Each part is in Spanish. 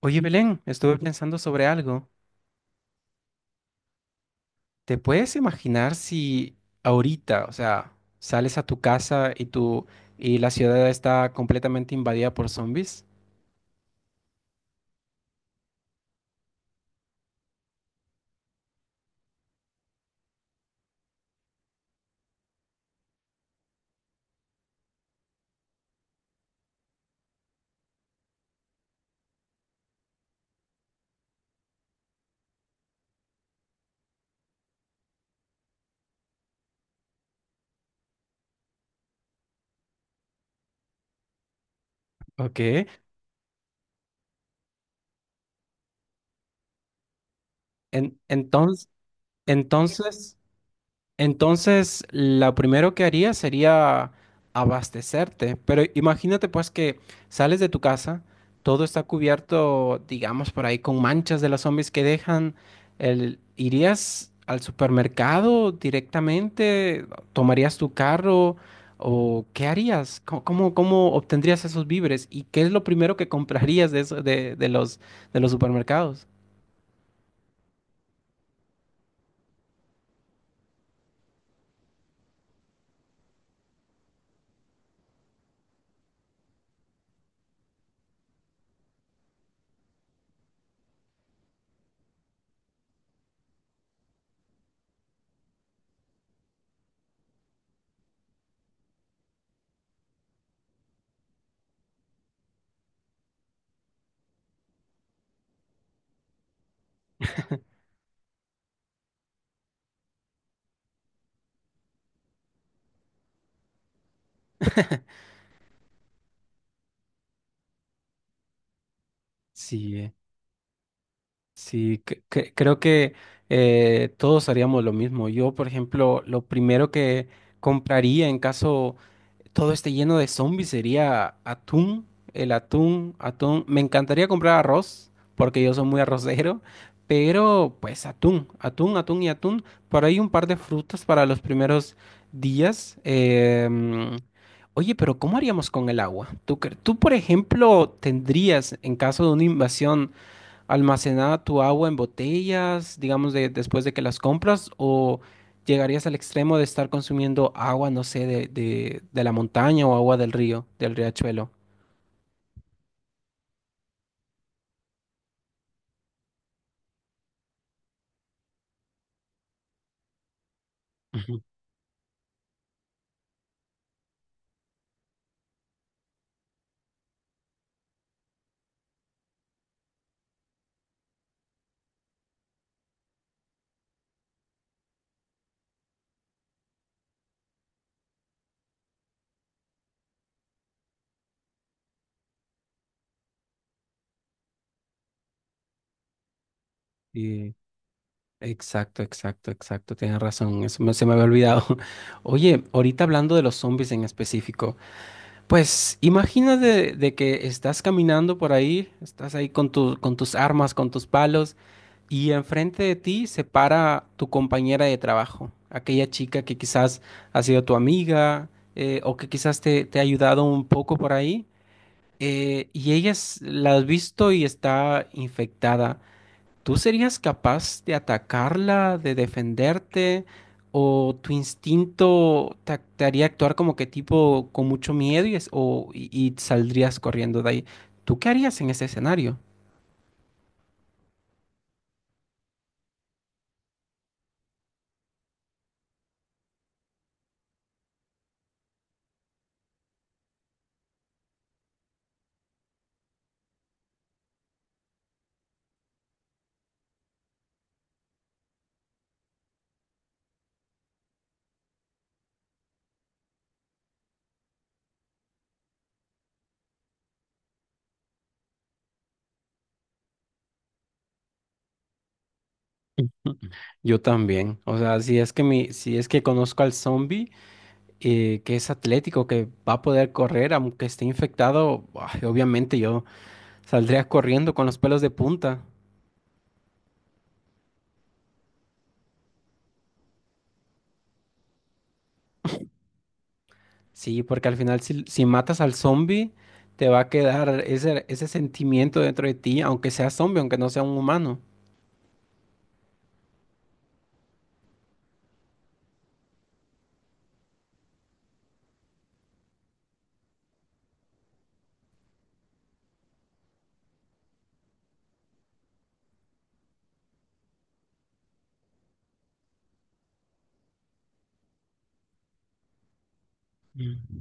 Oye, Belén, estuve pensando sobre algo. ¿Te puedes imaginar si ahorita, sales a tu casa y tu y la ciudad está completamente invadida por zombies? Ok. En- entonces, entonces, Entonces, lo primero que haría sería abastecerte, pero imagínate pues que sales de tu casa, todo está cubierto, digamos, por ahí con manchas de las zombies que dejan. ¿Irías al supermercado directamente? ¿Tomarías tu carro? ¿O qué harías? ¿Cómo obtendrías esos víveres? ¿Y qué es lo primero que comprarías de de los supermercados? Sí, sí, creo que todos haríamos lo mismo. Yo, por ejemplo, lo primero que compraría en caso todo esté lleno de zombies sería atún, el atún, atún. Me encantaría comprar arroz, porque yo soy muy arrocero, pero pues atún, atún, atún y atún. Por ahí un par de frutas para los primeros días. Oye, pero ¿cómo haríamos con el agua? ¿Tú, por ejemplo, tendrías en caso de una invasión almacenada tu agua en botellas, digamos, de, después de que las compras, o llegarías al extremo de estar consumiendo agua, no sé, de la montaña o agua del río, del riachuelo? Ujú. Sí, exacto, exacto, exacto, tienes razón, eso se me había olvidado. Oye, ahorita hablando de los zombies en específico, pues imagínate de que estás caminando por ahí, estás ahí con con tus armas, con tus palos. Y enfrente de ti se para tu compañera de trabajo, aquella chica que quizás ha sido tu amiga, o que quizás te ha ayudado un poco por ahí. Y la has visto y está infectada. ¿Tú serías capaz de atacarla, de defenderte? ¿O tu instinto te haría actuar como que tipo con mucho miedo y, y saldrías corriendo de ahí? ¿Tú qué harías en ese escenario? Yo también. O sea, si es que si es que conozco al zombie, que es atlético, que va a poder correr aunque esté infectado, ay, obviamente yo saldría corriendo con los pelos de punta. Sí, porque al final si, si matas al zombie, te va a quedar ese, ese sentimiento dentro de ti, aunque sea zombie, aunque no sea un humano. Mm.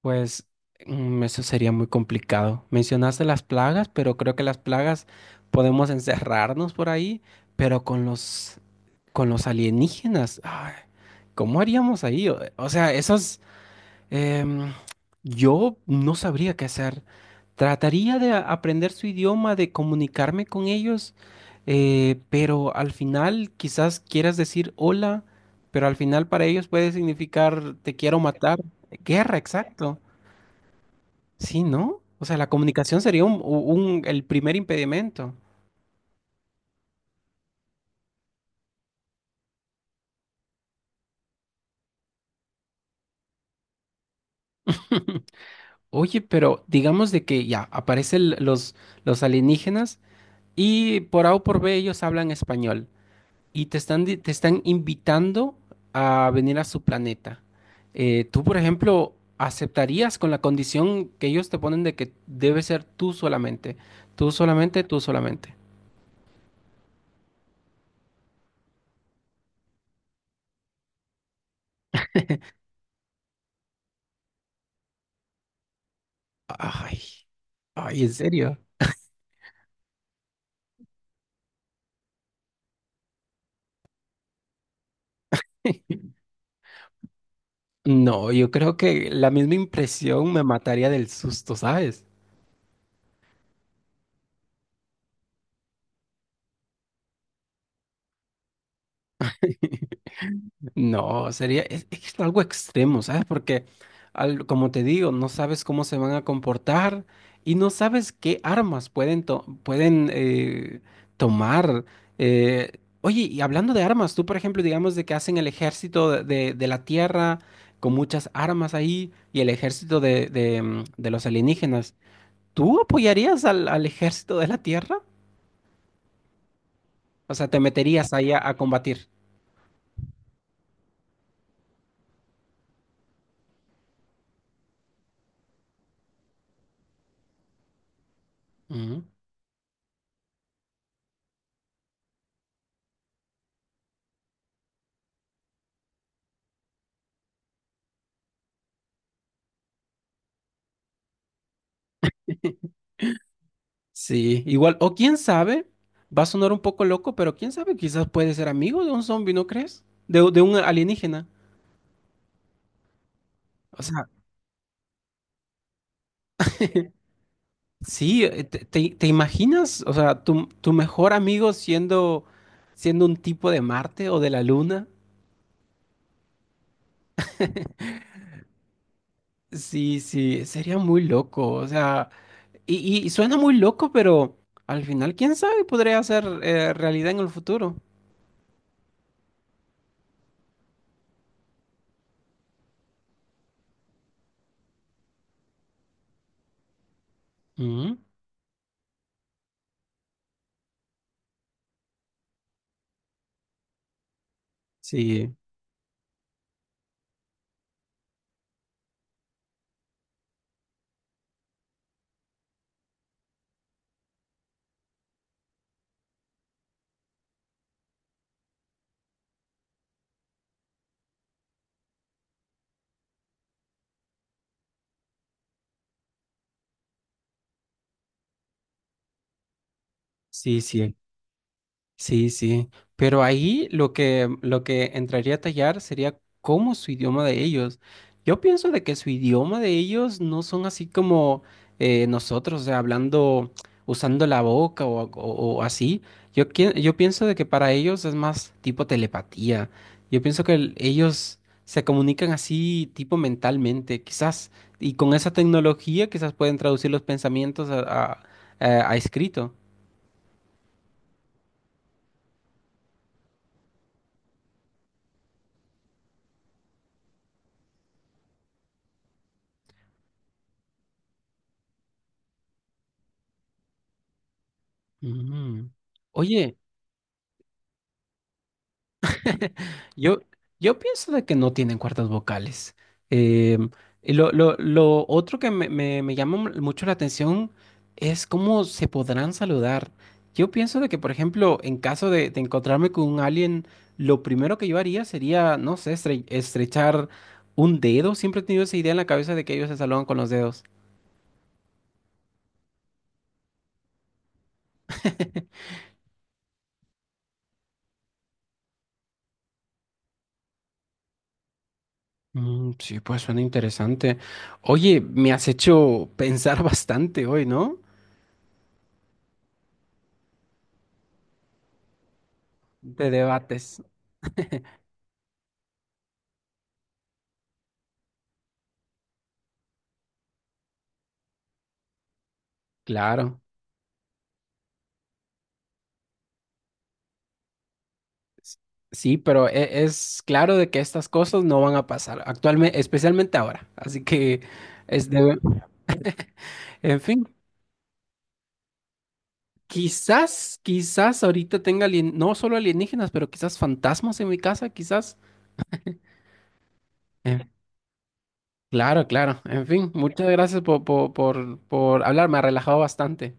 Pues eso sería muy complicado. Mencionaste las plagas, pero creo que las plagas podemos encerrarnos por ahí, pero con los alienígenas, ay, ¿cómo haríamos ahí? O sea, esos... em, yo no sabría qué hacer. Trataría de aprender su idioma, de comunicarme con ellos. Pero al final quizás quieras decir hola, pero al final para ellos puede significar te quiero matar. Guerra, exacto. Sí, ¿no? O sea, la comunicación sería el primer impedimento. Oye, pero digamos de que ya aparecen los alienígenas. Y por A o por B ellos hablan español y te están, te están invitando a venir a su planeta. Tú, por ejemplo, aceptarías con la condición que ellos te ponen de que debe ser tú solamente. Tú solamente, tú solamente. Ay, ay, ¿en serio? No, yo creo que la misma impresión me mataría del susto, ¿sabes? No, sería es algo extremo, ¿sabes? Porque, como te digo, no sabes cómo se van a comportar y no sabes qué armas pueden, tomar. Eh, oye, y hablando de armas, tú, por ejemplo, digamos de que hacen el ejército de la Tierra con muchas armas ahí y el ejército de, de los alienígenas, ¿tú apoyarías al ejército de la Tierra? O sea, ¿te meterías ahí a combatir? Ujú. Sí, igual, o quién sabe, va a sonar un poco loco, pero quién sabe, quizás puede ser amigo de un zombie, ¿no crees? De un alienígena. O sea, sí, te, te imaginas? O sea, tu mejor amigo siendo, siendo un tipo de Marte o de la Luna. Sí, sí, sería muy loco. O sea, y, y suena muy loco, pero al final, quién sabe, podría ser realidad en el futuro. Ujú. Sí, sí, sí. Sí, sí, pero ahí lo que entraría a tallar sería cómo su idioma de ellos. Yo pienso de que su idioma de ellos no son así como nosotros, o sea, hablando, usando la boca o, o así. Yo, yo pienso de que para ellos es más tipo telepatía. Yo pienso que ellos se comunican así tipo mentalmente, quizás, y con esa tecnología quizás pueden traducir los pensamientos a escrito. Mm. Oye, Yo, yo pienso de que no tienen cuerdas vocales. Em, y lo otro que me llama mucho la atención es cómo se podrán saludar. Yo pienso de que, por ejemplo, en caso de encontrarme con un alien, lo primero que yo haría sería, no sé, estrechar un dedo. Siempre he tenido esa idea en la cabeza de que ellos se saludan con los dedos. Mm, sí, pues suena interesante. Oye, me has hecho pensar bastante hoy, ¿no? De debates. Claro. Sí, pero es claro de que estas cosas no van a pasar actualmente, especialmente ahora. Así que, es de- en fin, quizás, quizás ahorita tenga no solo alienígenas, pero quizás fantasmas en mi casa, quizás. Eh, claro, claro. En fin, muchas gracias por hablar. Me ha relajado bastante.